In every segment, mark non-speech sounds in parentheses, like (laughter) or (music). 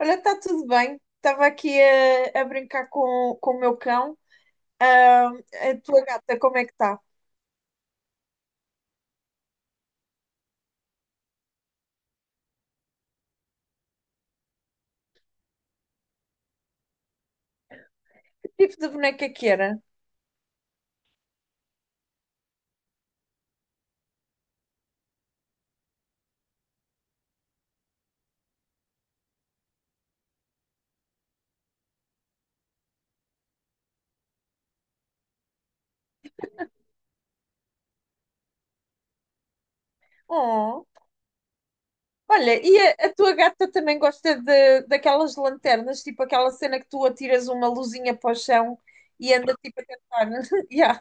Olha, está tudo bem. Estava aqui a brincar com o meu cão. Ah, a tua gata, como é que está? Que tipo de boneca que era? Oh. Olha, e a tua gata também gosta daquelas lanternas, tipo aquela cena que tu atiras uma luzinha para o chão e anda tipo a tentar. (laughs) Yeah.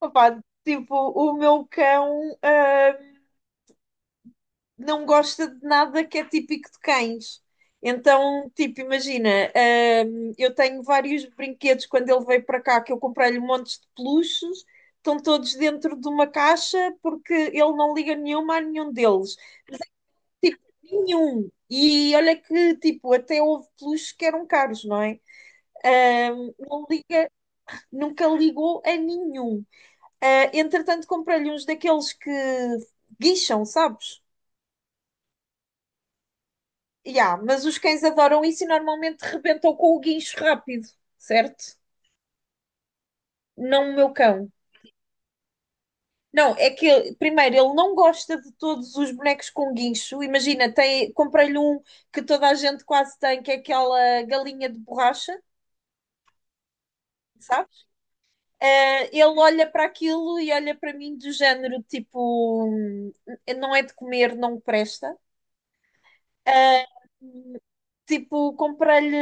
Opa, tipo, o meu cão não gosta de nada que é típico de cães. Então, tipo, imagina, eu tenho vários brinquedos quando ele veio para cá que eu comprei-lhe montes de peluches, estão todos dentro de uma caixa porque ele não liga nenhuma a nenhum deles. Tipo, nenhum. E olha que, tipo, até houve peluches que eram caros, não é? Não liga, nunca ligou a nenhum. Ah, entretanto, comprei-lhe uns daqueles que guincham, sabes? Ya, mas os cães adoram isso e normalmente rebentam com o guincho rápido, certo? Não o meu cão. Não, é que primeiro ele não gosta de todos os bonecos com guincho. Imagina, comprei-lhe um que toda a gente quase tem, que é aquela galinha de borracha, sabes? Eh, ele olha para aquilo e olha para mim do género tipo, não é de comer, não presta." Ah, tipo, comprei-lhe.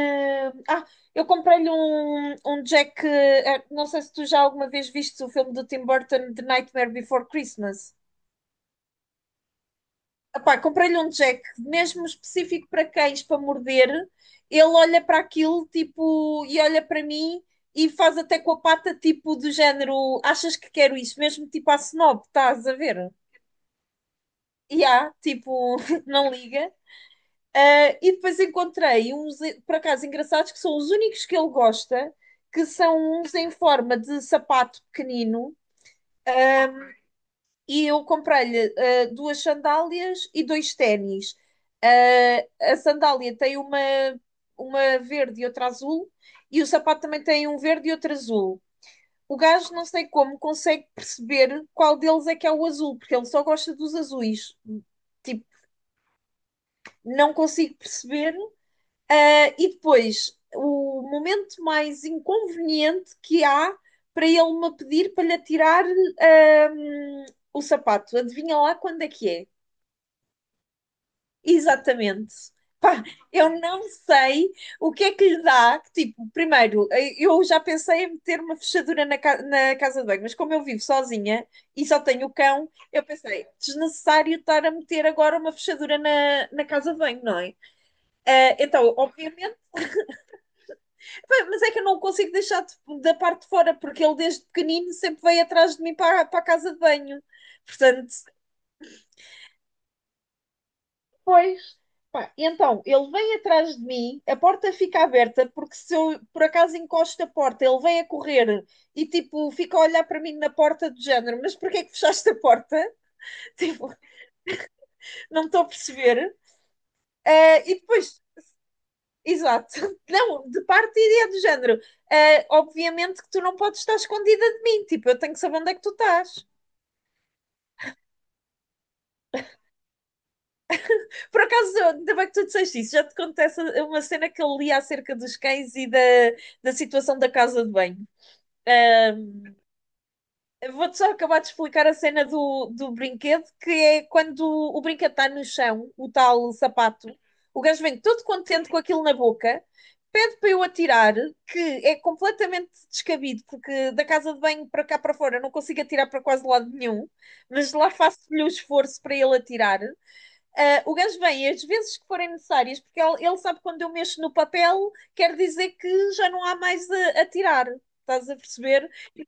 Ah, eu comprei-lhe um Jack. Ah, não sei se tu já alguma vez viste o filme do Tim Burton, The Nightmare Before Christmas. Epá, comprei-lhe um Jack, mesmo específico para cães, para morder. Ele olha para aquilo, tipo, e olha para mim e faz até com a pata, tipo, do género: achas que quero isso? Mesmo tipo à snob, estás a ver? E há, tipo, (laughs) não liga. Ah, e depois encontrei uns, por acaso, engraçados, que são os únicos que ele gosta, que são uns em forma de sapato pequenino. E eu comprei-lhe duas sandálias e dois ténis. Ah, a sandália tem uma verde e outra azul, e o sapato também tem um verde e outro azul. O gajo não sei como consegue perceber qual deles é que é o azul, porque ele só gosta dos azuis. Tipo, não consigo perceber. Ah, e depois, o momento mais inconveniente que há para ele me pedir para lhe tirar ahm, o sapato. Adivinha lá quando é que é? Exatamente. Pá, eu não sei o que é que lhe dá. Tipo, primeiro, eh, eu já pensei em meter uma fechadura na, na casa de banho, mas como eu vivo sozinha e só tenho o cão, eu pensei, desnecessário estar a meter agora uma fechadura na casa de banho, não é? Eh, então, obviamente. Pá, mas é que eu não consigo deixar de- da parte de fora, porque ele desde pequenino sempre veio atrás de mim para, para a casa de banho. Portanto, pois. Pá, então, ele vem atrás de mim, a porta fica aberta, porque se eu por acaso encosto a porta, ele vem a correr e tipo fica a olhar para mim na porta do género, mas porquê é que fechaste a porta? (laughs) Tipo, não estou a perceber. Ah, e depois, exato, (laughs) não, de parte e é do género. Ah, obviamente que tu não podes estar escondida de mim, tipo, eu tenho que saber onde é que tu estás. Por acaso, ainda bem que tu disseste isso, já te contei uma cena que eu li acerca dos cães e da situação da casa de banho. Ahm, Vou-te só acabar de explicar a cena do brinquedo, que é quando o brinquedo está no chão, o tal sapato, o gajo vem todo contente com aquilo na boca, pede para eu atirar, que é completamente descabido, porque da casa de banho para cá para fora eu não consigo atirar para quase lado nenhum, mas lá faço-lhe o esforço para ele atirar. Ah, o gajo vem as vezes que forem necessárias, porque ele sabe que quando eu mexo no papel, quer dizer que já não há mais a tirar. Estás a perceber? E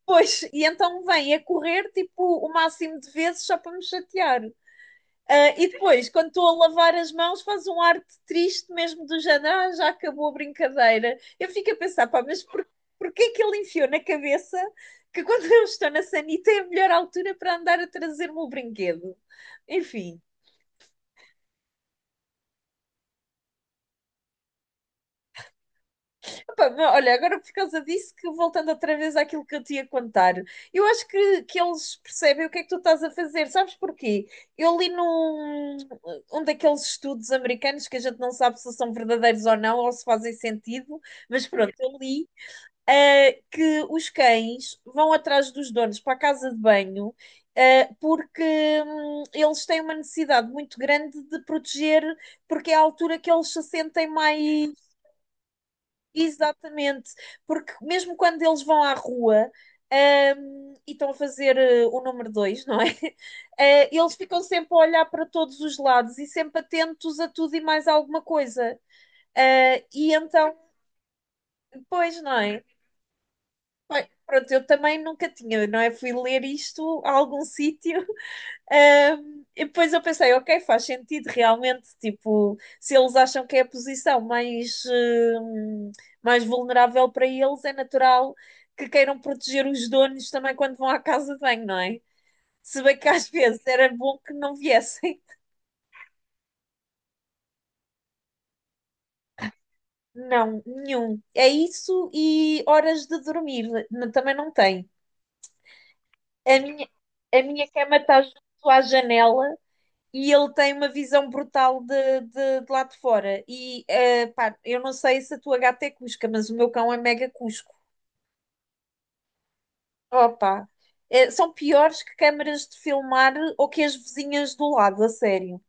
depois, e então vem a correr tipo o máximo de vezes só para me chatear. Ah, e depois, quando estou a lavar as mãos, faz um ar de triste mesmo do género, "Ah, já acabou a brincadeira." Eu fico a pensar, pá, mas porquê que ele enfiou na cabeça que quando eu estou na sanita é a melhor altura para andar a trazer-me o brinquedo? Enfim. Pá, mas olha, agora por causa disso, que voltando outra vez àquilo que eu te ia contar, eu acho que eles percebem o que é que tu estás a fazer, sabes porquê? Eu li num um daqueles estudos americanos que a gente não sabe se são verdadeiros ou não, ou se fazem sentido, mas pronto, eu li, eh, que os cães vão atrás dos donos para a casa de banho, eh, porque eles têm uma necessidade muito grande de proteger, porque é a altura que eles se sentem mais. Exatamente, porque mesmo quando eles vão à rua, e estão a fazer eh, o número dois, não é? (laughs) Eh, eles ficam sempre a olhar para todos os lados e sempre atentos a tudo e mais alguma coisa. Eh, e então, pois, não é? Bem, pronto, eu também nunca tinha, não é? Fui ler isto a algum (laughs) sítio. E depois eu pensei, ok, faz sentido realmente, tipo, se eles acham que é a posição mais, mais vulnerável para eles, é natural que queiram proteger os donos também quando vão à casa de banho, não é? Se bem que às vezes era bom que não viessem. (laughs) Não, nenhum. É isso e horas de dormir, também não tem. A minha, a minha cama está junto à janela e ele tem uma visão brutal de lá de fora. E eh, pá, eu não sei se a tua gata é cusca, mas o meu cão é mega cusco. Opa, eh, são piores que câmaras de filmar ou que as vizinhas do lado, a sério.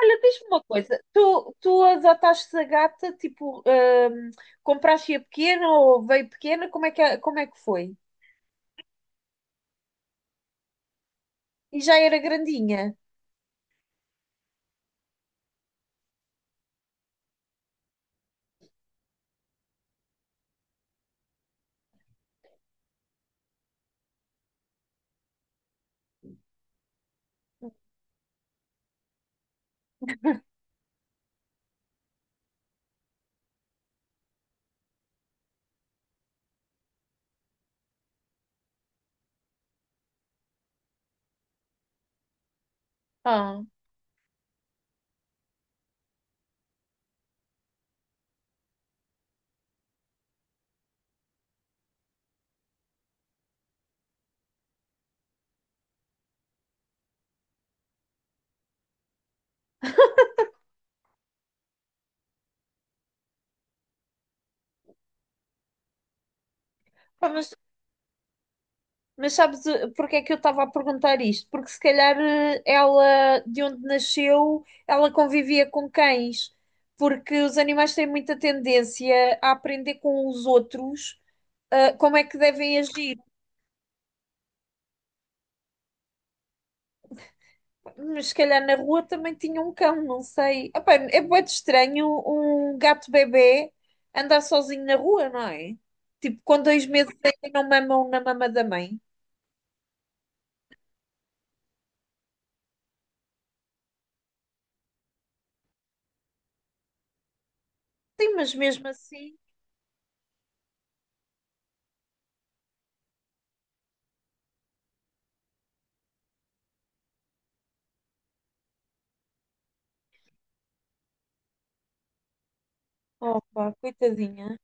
Olha, diz-me uma coisa, tu adotaste a gata, tipo, compraste-a pequena ou veio pequena, como é que foi? E já era grandinha? Ah, pá, mas sabes eh, porque é que eu estava a perguntar isto? Porque se calhar eh, ela, de onde nasceu, ela convivia com cães, porque os animais têm muita tendência a aprender com os outros, eh, como é que devem agir. Mas se calhar na rua também tinha um cão, não sei. Epá, é muito estranho um gato bebê andar sozinho na rua, não é? Tipo, com 2 meses ainda não mamam na mama da mãe. Sim, mas mesmo assim. Opa, coitadinha.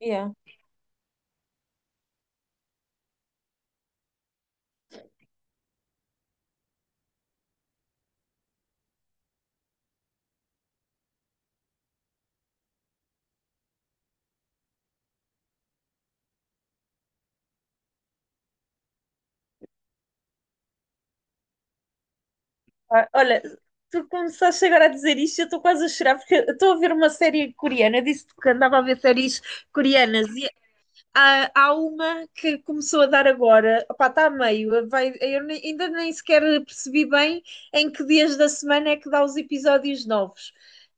Yeah. Ah, olha, tu começaste agora a dizer isto, eu estou quase a chorar porque eu estou a ver uma série coreana. Eu disse-te que andava a ver séries coreanas e há uma que começou a dar agora. Opá, está a meio. Vai, eu ainda nem sequer percebi bem em que dias da semana é que dá os episódios novos.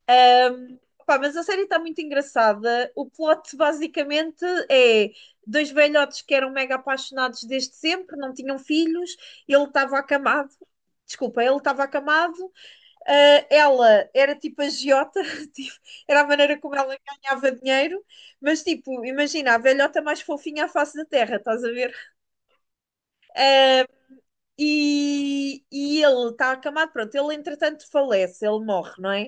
Opá, mas a série está muito engraçada. O plot basicamente é dois velhotes que eram mega apaixonados desde sempre, não tinham filhos, ele estava acamado. Desculpa, ele estava acamado. Ela era tipo agiota, (laughs) tipo, era a maneira como ela ganhava dinheiro, mas tipo, imagina, a velhota mais fofinha à face da terra, estás a ver? Uh, e, e ele está acamado, pronto, ele entretanto falece, ele morre, não é?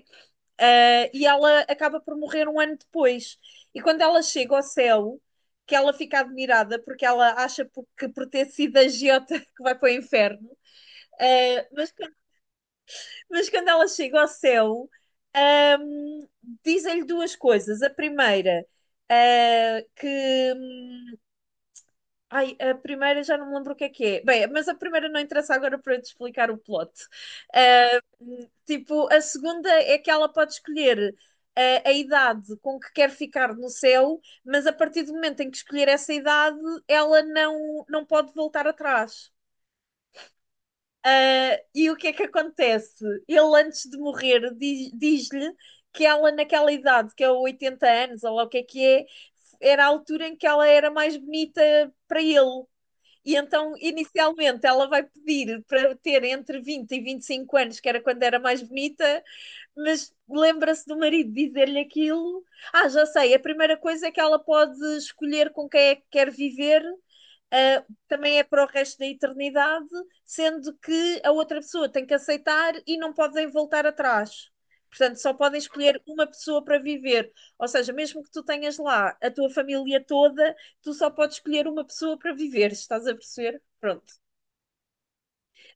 E ela acaba por morrer um ano depois. E quando ela chega ao céu, que ela fica admirada porque ela acha que por ter sido agiota (laughs) que vai para o inferno. Uh, mas Mas quando ela chega ao céu, ahm, dizem-lhe duas coisas. A primeira, ah, que. Ai, a primeira já não me lembro o que é que é. Bem, mas a primeira não interessa agora para eu te explicar o plot. Ah, tipo, a segunda é que ela pode escolher. A idade com que quer ficar no céu, mas a partir do momento em que escolher essa idade, ela não pode voltar atrás. Ah, e o que é que acontece? Ele, antes de morrer, diz-lhe que ela, naquela idade, que é 80 anos, ou lá o que é, era a altura em que ela era mais bonita para ele. E então, inicialmente, ela vai pedir para ter entre 20 e 25 anos, que era quando era mais bonita, mas lembra-se do marido dizer-lhe aquilo. Ah, já sei, a primeira coisa é que ela pode escolher com quem é que quer viver, também é para o resto da eternidade, sendo que a outra pessoa tem que aceitar e não podem voltar atrás. Portanto, só podem escolher uma pessoa para viver. Ou seja, mesmo que tu tenhas lá a tua família toda, tu só podes escolher uma pessoa para viver, estás a perceber? Pronto.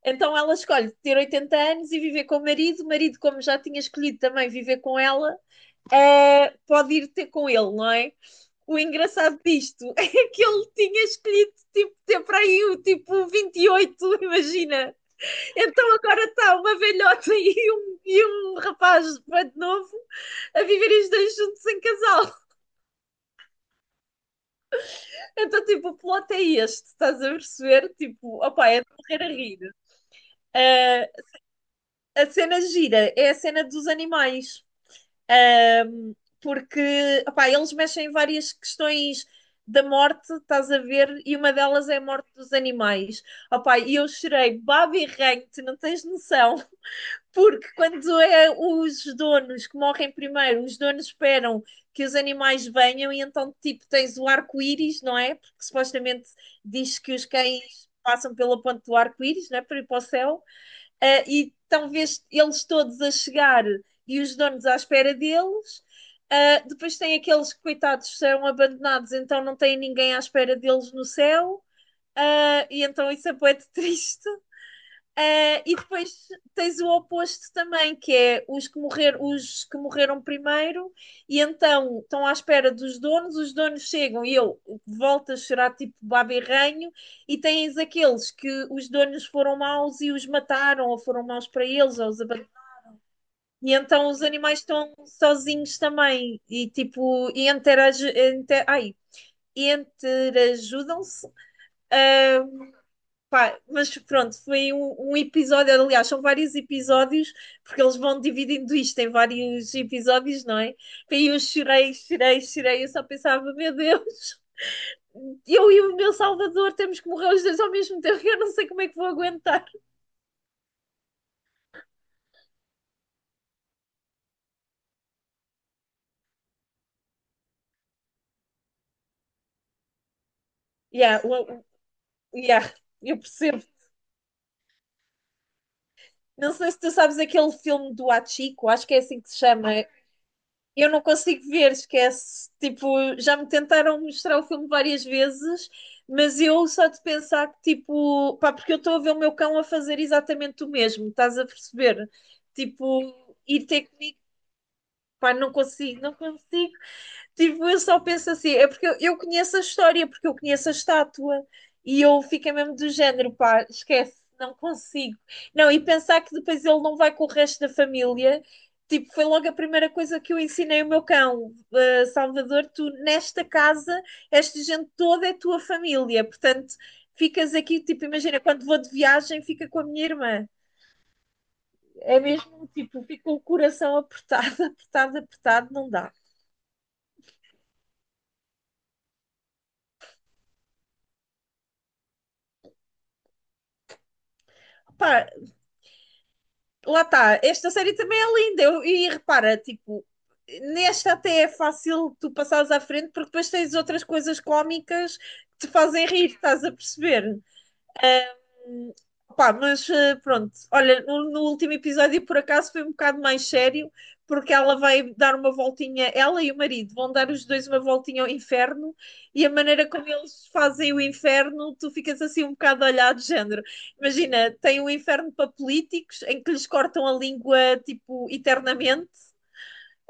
Então ela escolhe ter 80 anos e viver com o marido, como já tinha escolhido também viver com ela, pode ir ter com ele, não é? O engraçado disto (laughs) é que ele tinha escolhido, tipo, ter para aí o tipo 28, (laughs) imagina. Então agora está uma velhota (laughs) e um rapaz de novo a viverem os dois juntos em casal. (laughs) Então, tipo, o plot é este, estás a perceber? Tipo, opá, é de morrer a rir. Uh, a cena gira é a cena dos animais. Um, porque opá, eles mexem em várias questões da morte, estás a ver, e uma delas é a morte dos animais. Opá, e eu chorei baba e ranho, tu não tens noção, (laughs) porque quando é os donos que morrem primeiro, os donos esperam que os animais venham e então, tipo, tens o arco-íris, não é? Porque supostamente diz que os cães passam pela ponte do arco-íris, não é? Para ir para o céu. Ah, e talvez eles todos a chegar e os donos à espera deles. Ah, depois tem aqueles que, coitados, são abandonados, então não tem ninguém à espera deles no céu. Ah, e então isso é bué de triste. Eh, e depois tens o oposto também, que é os que, morrer, os que morreram primeiro, e então estão à espera dos donos, os donos chegam e eu volto a chorar tipo babirranho, e tens aqueles que os donos foram maus e os mataram, ou foram maus para eles, ou os aban- e então os animais estão sozinhos também, e tipo, e interage, inter, ai, interajudam-se, ah, pá, mas pronto, foi um, um episódio, aliás, são vários episódios, porque eles vão dividindo isto em vários episódios, não é? E eu chorei, chorei, chorei, eu só pensava, meu Deus, eu e o meu Salvador temos que morrer os dois ao mesmo tempo, eu não sei como é que vou aguentar. Yeah, yeah, eu percebo. Não sei se tu sabes aquele filme do Hachiko, acho que é assim que se chama. Eu não consigo ver, esquece. Tipo, já me tentaram mostrar o filme várias vezes, mas eu só de pensar que, tipo, pá, porque eu estou a ver o meu cão a fazer exatamente o mesmo, estás a perceber? Tipo, ir ter comigo, pá, não consigo, não consigo. Tipo, eu só penso assim, é porque eu conheço a história, porque eu conheço a estátua e eu fiquei mesmo do género, pá, esquece, não consigo. Não, e pensar que depois ele não vai com o resto da família, tipo, foi logo a primeira coisa que eu ensinei o meu cão, "Ah, Salvador, tu nesta casa, esta gente toda é tua família, portanto, ficas aqui, tipo, imagina, quando vou de viagem, fica com a minha irmã." É mesmo, tipo, fica o coração apertado, (laughs) apertado, apertado, não dá. Pá, lá está, esta série também é linda. Eu- e repara, tipo, nesta até é fácil tu passares à frente porque depois tens outras coisas cómicas que te fazem rir, estás a perceber? Pá, mas pronto, olha, no último episódio por acaso foi um bocado mais sério, porque ela vai dar uma voltinha, ela e o marido vão dar os dois uma voltinha ao inferno, e a maneira como eles fazem o inferno, tu ficas assim um bocado olhado, de género. Imagina, tem um inferno para políticos, em que lhes cortam a língua, tipo, eternamente,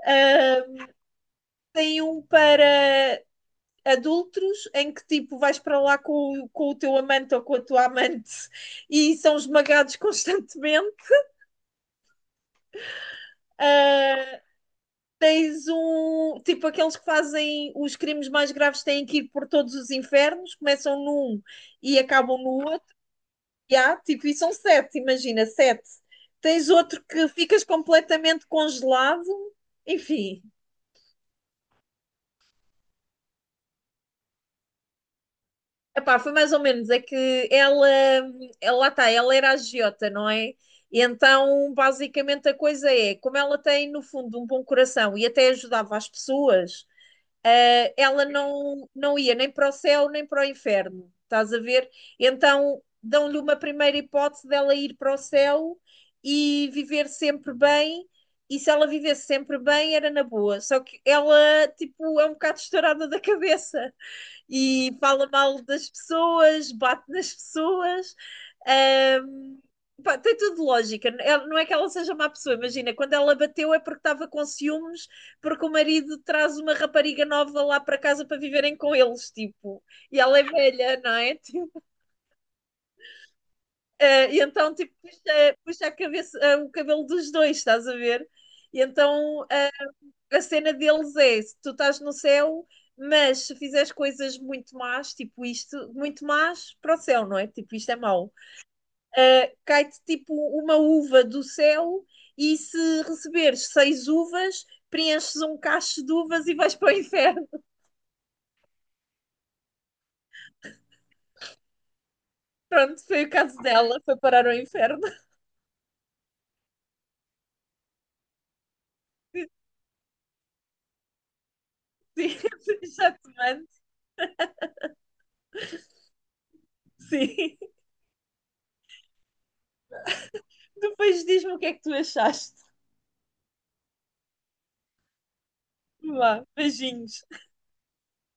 ah, tem um para adultos em que tipo vais para lá com, com o teu amante ou com a tua amante e são esmagados (laughs) constantemente. Ah, tens um tipo aqueles que fazem os crimes mais graves têm que ir por todos os infernos, começam num e acabam no outro. E há, tipo, e são sete, imagina, sete. Tens outro que ficas completamente congelado, enfim. Epá, foi mais ou menos, é que ela lá está, ela era agiota, não é? E então, basicamente, a coisa é, como ela tem, no fundo, um bom coração e até ajudava as pessoas, eh, ela não, não ia nem para o céu nem para o inferno, estás a ver? Então, dão-lhe uma primeira hipótese dela ir para o céu e viver sempre bem, e se ela vivesse sempre bem, era na boa. Só que ela, tipo, é um bocado estourada da cabeça e fala mal das pessoas, bate nas pessoas. Ahm, pá, tem tudo lógica. Ela- não é que ela seja má pessoa, imagina, quando ela bateu é porque estava com ciúmes, porque o marido traz uma rapariga nova lá para casa para viverem com eles, tipo, e ela é velha, não é? (laughs) Tipo, e então, tipo, puxa, puxa a cabeça, o cabelo dos dois, estás a ver? E então, a cena deles é: se tu estás no céu, mas se fizeres coisas muito más, tipo isto, muito más para o céu, não é? Tipo, isto é mau. Ah, cai-te tipo uma uva do céu e se receberes 6 uvas, preenches um cacho de uvas e vais para o inferno. (laughs) Pronto, foi o caso dela, foi parar ao inferno. (laughs) Sim, já te mando. Sim. (laughs) Depois diz-me o que é que tu achaste. Vá, beijinhos.